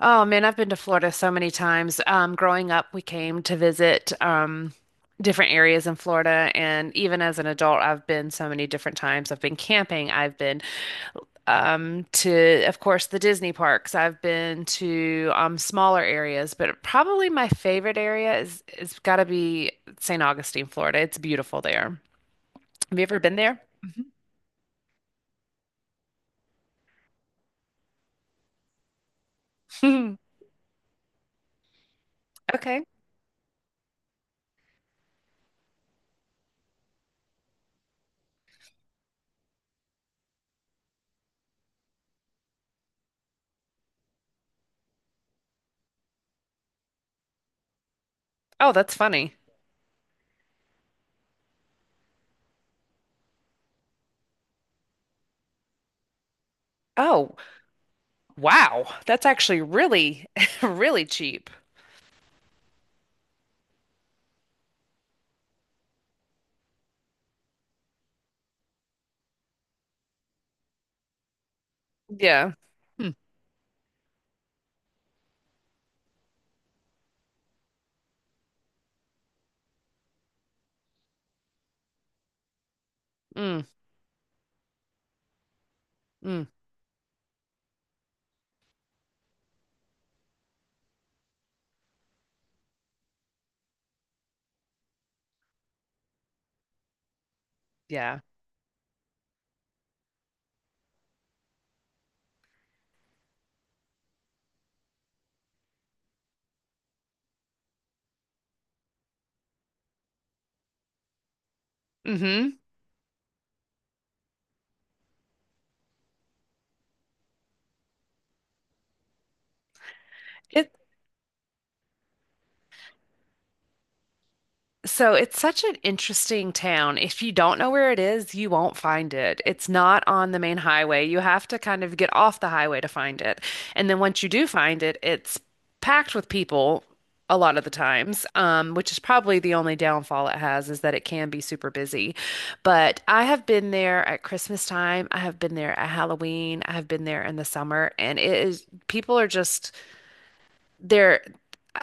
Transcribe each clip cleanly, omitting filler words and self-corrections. Oh man, I've been to Florida so many times. Growing up, we came to visit different areas in Florida, and even as an adult, I've been so many different times. I've been camping. I've been to, of course, the Disney parks. I've been to smaller areas, but probably my favorite area is got to be St. Augustine, Florida. It's beautiful there. Have you ever been there? Mhm. Okay. Oh, that's funny. Oh, wow. That's actually really, really cheap. Yeah. Mm, mm, mm, yeah. hmm It so it's such an interesting town. If you don't know where it is, you won't find it. It's not on the main highway. You have to kind of get off the highway to find it. And then once you do find it, it's packed with people a lot of the times, which is probably the only downfall it has is that it can be super busy. But I have been there at Christmas time. I have been there at Halloween. I have been there in the summer, and it is people are just They're,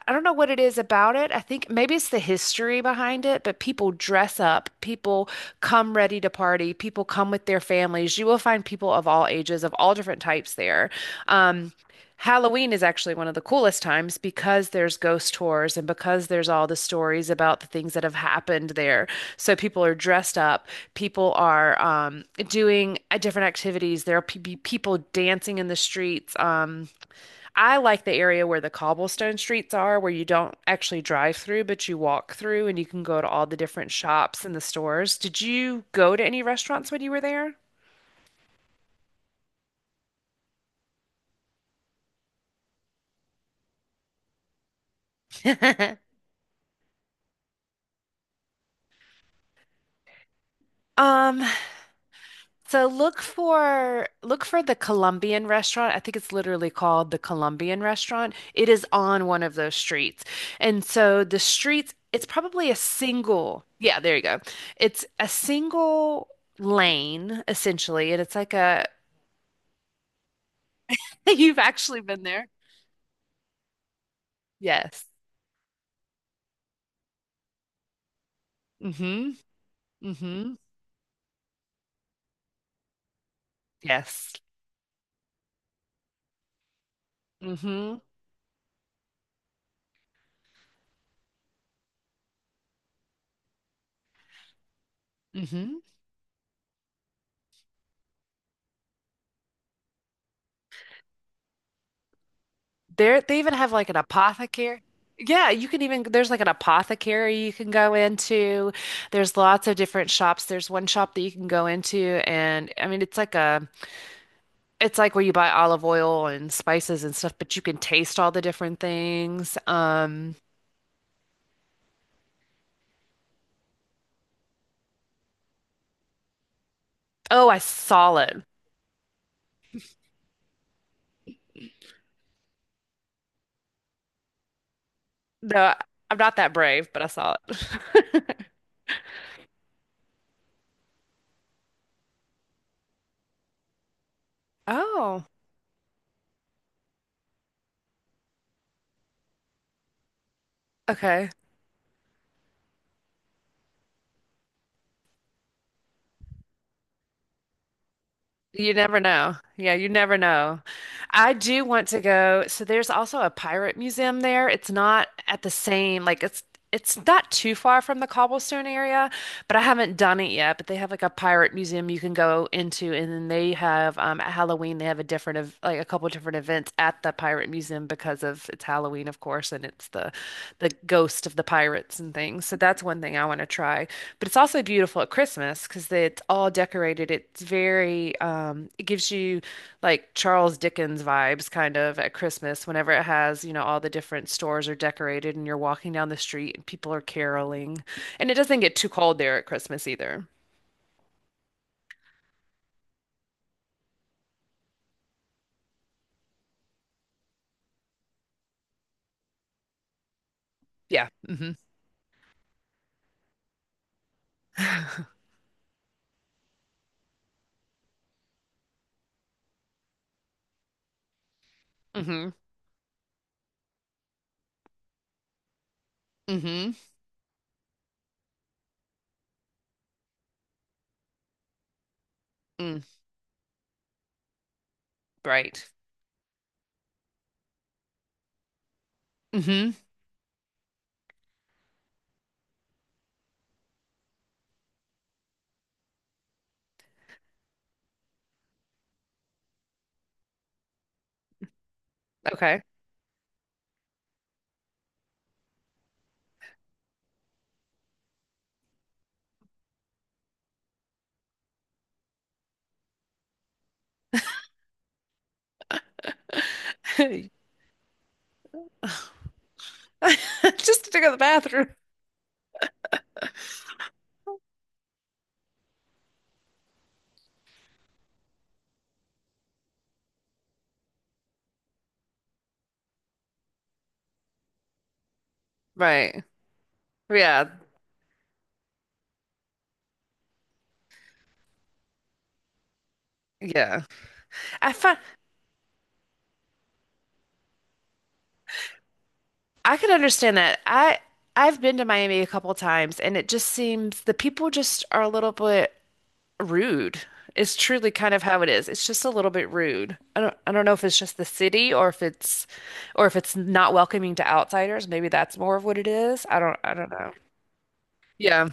I don't know what it is about it. I think maybe it's the history behind it, but people dress up. People come ready to party. People come with their families. You will find people of all ages, of all different types there. Um, Halloween is actually one of the coolest times because there's ghost tours and because there's all the stories about the things that have happened there. So people are dressed up. People are doing different activities. There are pe- be people dancing in the streets. I like the area where the cobblestone streets are, where you don't actually drive through, but you walk through and you can go to all the different shops and the stores. Did you go to any restaurants when you were there? Um, so look for the Colombian restaurant. I think it's literally called the Colombian restaurant. It is on one of those streets. And so the streets, it's probably a single, yeah, there you go. It's a single lane essentially, and it's like a you've actually been there. Yes. Mm-hmm. Mm-hmm. Yes. Mm-hmm. Mm-hmm. There, they even have like an apothecary. Yeah, you can even, there's like an apothecary you can go into. There's lots of different shops. There's one shop that you can go into, and I mean, it's like a, it's like where you buy olive oil and spices and stuff, but you can taste all the different things. Oh, I saw it. No, I'm not that brave, but I saw it. Oh, okay. You never know. Yeah, you never know. I do want to go. So there's also a pirate museum there. It's not at the same, like it's not too far from the cobblestone area, but I haven't done it yet. But they have like a pirate museum you can go into, and then they have at Halloween they have a different of like a couple different events at the pirate museum because of it's Halloween, of course, and it's the ghost of the pirates and things. So that's one thing I want to try. But it's also beautiful at Christmas because it's all decorated. It's very it gives you like Charles Dickens vibes kind of at Christmas whenever it has, you know, all the different stores are decorated and you're walking down the street and people are caroling. And it doesn't get too cold there at Christmas either. Yeah. Hmm. Hmm. Hmm. Mm. Right. Hmm. Okay. Just to go to the bathroom. Right. Yeah, yeah. I find I can understand that. I've been to Miami a couple times and it just seems the people just are a little bit rude. It's truly kind of how it is. It's just a little bit rude. I don't know if it's just the city or if it's not welcoming to outsiders. Maybe that's more of what it is. I don't know. Yeah.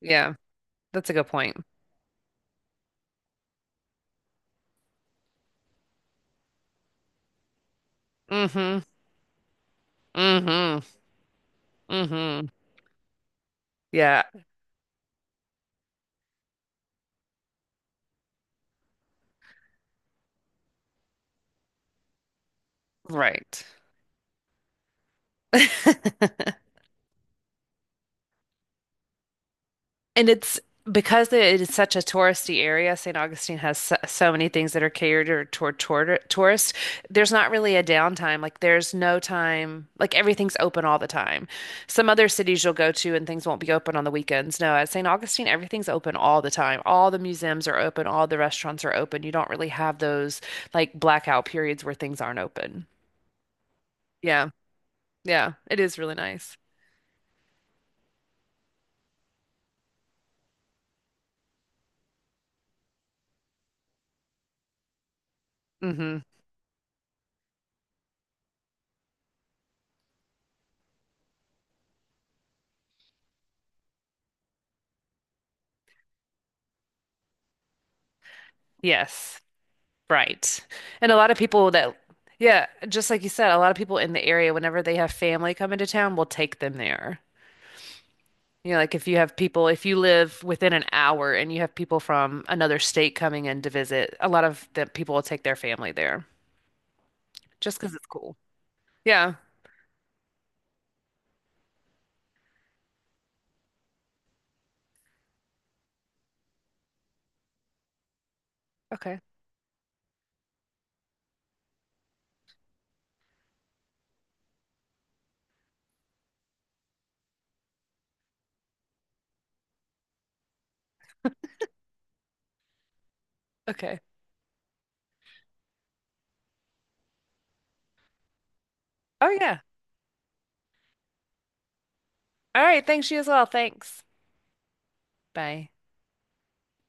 Yeah. That's a good point. Mm-hmm. Mm-hmm. Mm-hmm. Yeah. Right. And it's because it is such a touristy area, St. Augustine has so, so many things that are catered toward tourists. There's not really a downtime. Like there's no time, like everything's open all the time. Some other cities you'll go to and things won't be open on the weekends. No, at St. Augustine, everything's open all the time. All the museums are open, all the restaurants are open. You don't really have those like blackout periods where things aren't open. Yeah. Yeah. It is really nice. Hmm. Yes. Right. And a lot of yeah, just like you said, a lot of people in the area, whenever they have family come into town, will take them there. You know, like if you have people, if you live within an hour and you have people from another state coming in to visit, a lot of the people will take their family there just because it's cool. Yeah. Okay. Okay. Oh, yeah. All right. Thanks, you as well. Thanks. Bye.